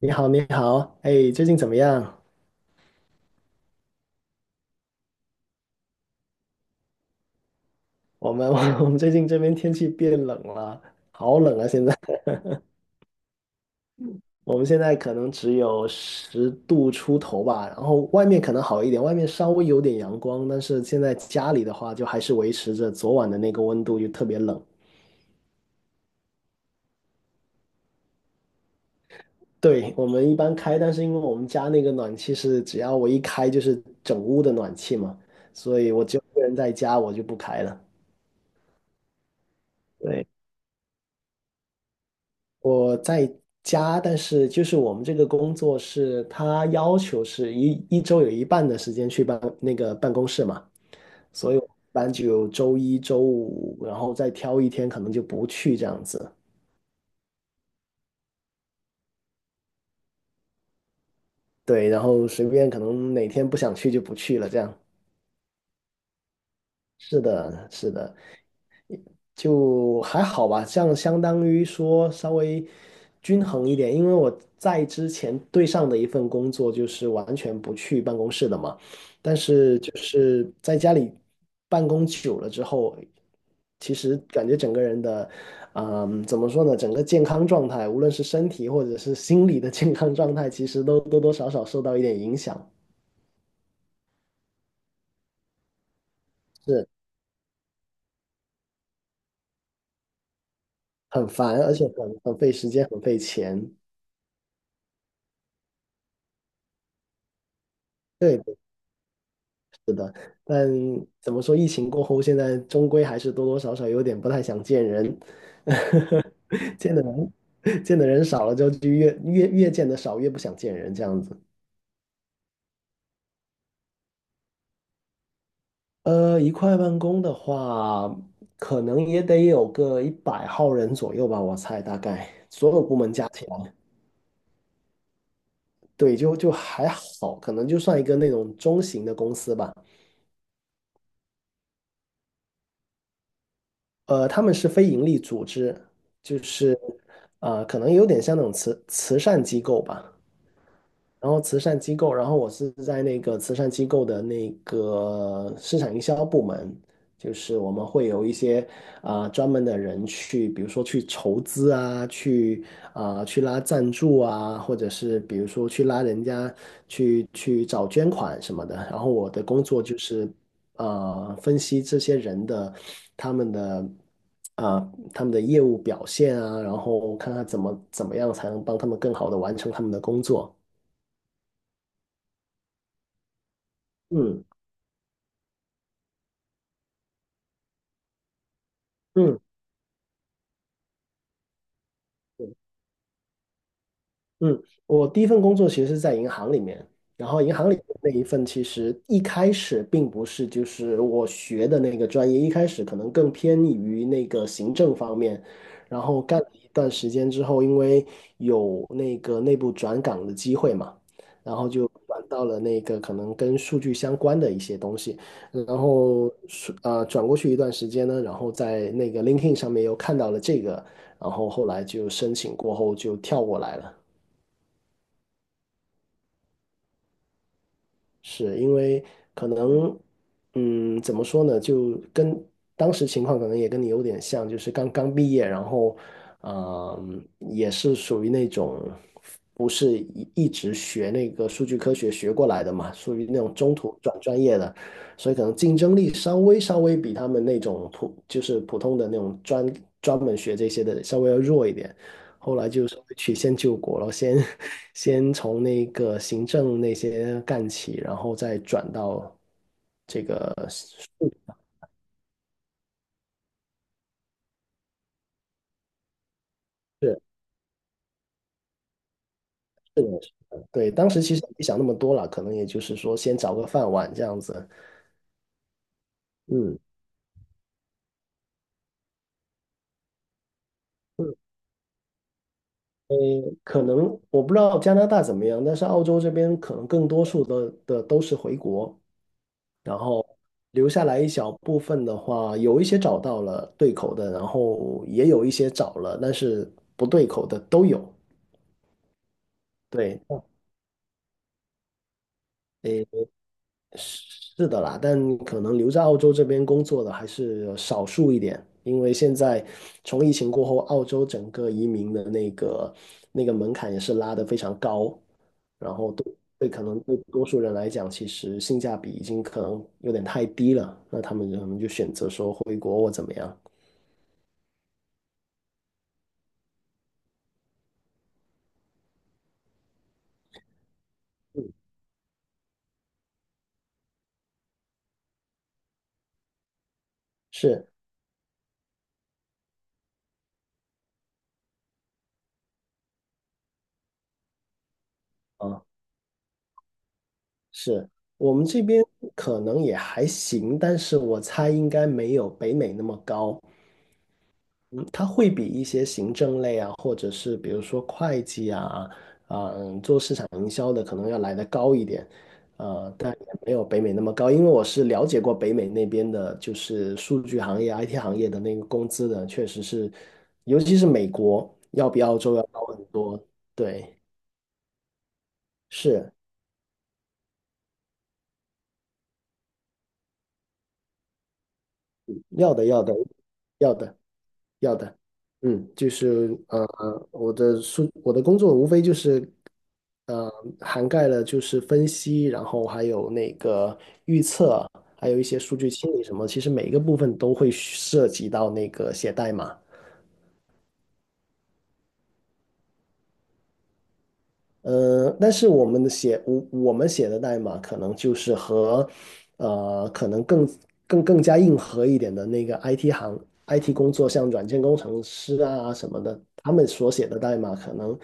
你好，你好，哎，最近怎么样？我们 我们最近这边天气变冷了，好冷啊！现在 我们现在可能只有10度出头吧，然后外面可能好一点，外面稍微有点阳光，但是现在家里的话就还是维持着昨晚的那个温度，就特别冷。对，我们一般开，但是因为我们家那个暖气是只要我一开就是整屋的暖气嘛，所以我只有一个人在家，我就不开了。对。我在家，但是就是我们这个工作是，他要求是一周有一半的时间去办那个办公室嘛，所以我一般就有周一周五，然后再挑一天可能就不去这样子，对，然后随便可能哪天不想去就不去了，这样。是的，是的，就还好吧，这样相当于说稍微均衡一点，因为我在之前对上的一份工作就是完全不去办公室的嘛，但是就是在家里办公久了之后，其实感觉整个人的，嗯，怎么说呢，整个健康状态，无论是身体或者是心理的健康状态，其实都多多少少受到一点影响。是，很烦，而且很费时间，很费钱。对。但怎么说，疫情过后，现在终归还是多多少少有点不太想见人，见的人见的人少了就越见得少，越不想见人这样子。一块办公的话，可能也得有个100号人左右吧，我猜大概所有部门加起来，对，就还好，可能就算一个那种中型的公司吧。他们是非盈利组织，就是可能有点像那种慈善机构吧。然后慈善机构，然后我是在那个慈善机构的那个市场营销部门，就是我们会有一些专门的人去，比如说去筹资啊，去拉赞助啊，或者是比如说去拉人家去找捐款什么的。然后我的工作就是分析这些人的他们的。啊，他们的业务表现啊，然后看看怎么样才能帮他们更好的完成他们的工作。嗯嗯，嗯，我第一份工作其实是在银行里面，然后银行里面那一份其实一开始并不是就是我学的那个专业，一开始可能更偏于那个行政方面，然后干了一段时间之后，因为有那个内部转岗的机会嘛，然后就转到了那个可能跟数据相关的一些东西，然后是转过去一段时间呢，然后在那个 LinkedIn 上面又看到了这个，然后后来就申请过后就跳过来了。是因为可能，嗯，怎么说呢，就跟当时情况可能也跟你有点像，就是刚刚毕业，然后，嗯，也是属于那种不是一直学那个数据科学学过来的嘛，属于那种中途转专业的，所以可能竞争力稍微比他们那种普就是普通的那种专门学这些的稍微要弱一点，后来就稍微曲线救国了，先 先从那个行政那些干起，然后再转到这个。是，是的，是的，对，当时其实也没想那么多了，可能也就是说先找个饭碗这样子，嗯，呃，可能我不知道加拿大怎么样，但是澳洲这边可能更多数的都是回国，然后留下来一小部分的话，有一些找到了对口的，然后也有一些找了，但是不对口的都有，对。是的啦，但可能留在澳洲这边工作的还是少数一点，因为现在从疫情过后，澳洲整个移民的那个门槛也是拉得非常高，然后对，对，可能对多数人来讲，其实性价比已经可能有点太低了，那他们可能就选择说回国或怎么样。是啊，是，我们这边可能也还行，但是我猜应该没有北美那么高。它会比一些行政类啊，或者是比如说会计啊，做市场营销的可能要来得高一点，但也没有北美那么高，因为我是了解过北美那边的，就是数据行业、IT 行业的那个工资的，确实是，尤其是美国要比澳洲要高很多，对，是要的，要的，要的。要的，嗯，就是我的工作无非就是呃，涵盖了就是分析，然后还有那个预测，还有一些数据清理什么，其实每一个部分都会涉及到那个写代码，但是我们写的代码可能就是和，可能更加硬核一点的那个 IT 工作，像软件工程师啊什么的，他们所写的代码可能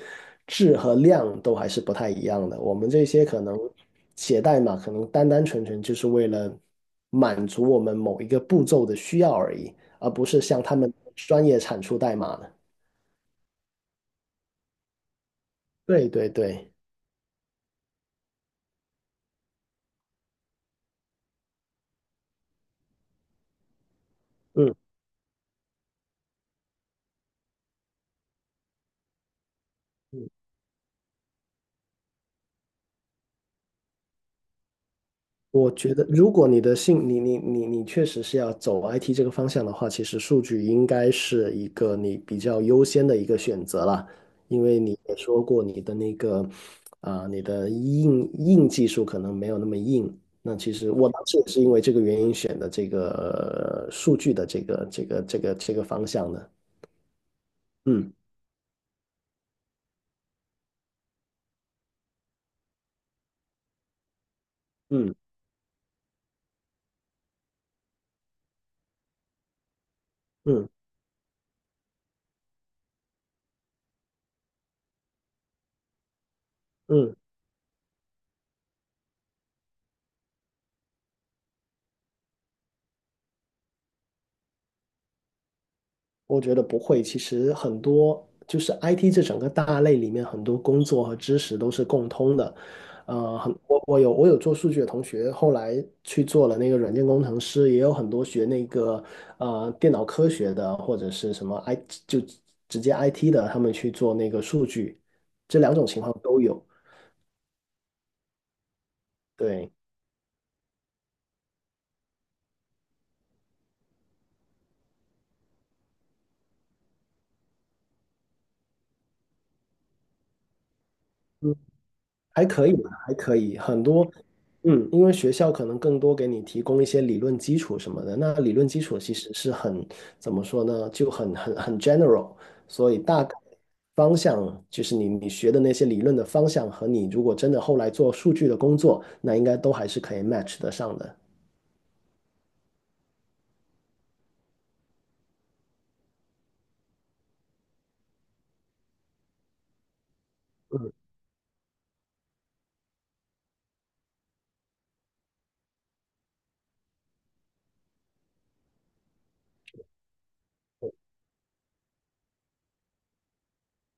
质和量都还是不太一样的。我们这些可能写代码，可能单单纯纯就是为了满足我们某一个步骤的需要而已，而不是像他们专业产出代码的。对对对，嗯。嗯，我觉得，如果你的性，你你你你确实是要走 IT 这个方向的话，其实数据应该是一个你比较优先的一个选择啦，因为你也说过你的那个啊、你的硬技术可能没有那么硬。那其实我当时也是因为这个原因选的这个数据的这个方向的。嗯嗯嗯嗯，我觉得不会，其实很多就是 IT 这整个大类里面很多工作和知识都是共通的。呃，很我我有我有做数据的同学，后来去做了那个软件工程师，也有很多学那个电脑科学的或者是什么 就直接 IT 的，他们去做那个数据，这两种情况都有。对，还可以吧，还可以，很多，嗯，因为学校可能更多给你提供一些理论基础什么的，那理论基础其实是很，怎么说呢，就很 general，所以大概方向就是你学的那些理论的方向和你如果真的后来做数据的工作，那应该都还是可以 match 得上的。嗯，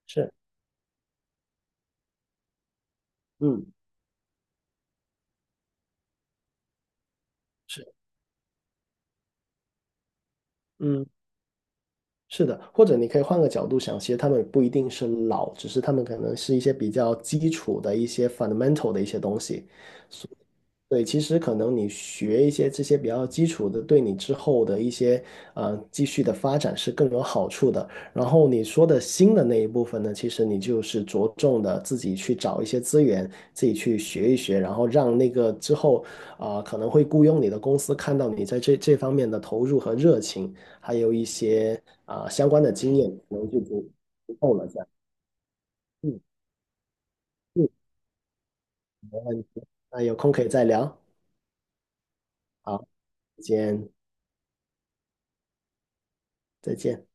是，嗯，是，嗯。是的，或者你可以换个角度想，其实他们不一定是老，只是他们可能是一些比较基础的一些 fundamental 的一些东西。对，其实可能你学一些这些比较基础的，对你之后的一些继续的发展是更有好处的。然后你说的新的那一部分呢，其实你就是着重的自己去找一些资源，自己去学一学，然后让那个之后可能会雇佣你的公司看到你在这方面的投入和热情，还有一些相关的经验，可能就足够了。这样，嗯嗯，没问题。那有空可以再聊。好，再见，再见。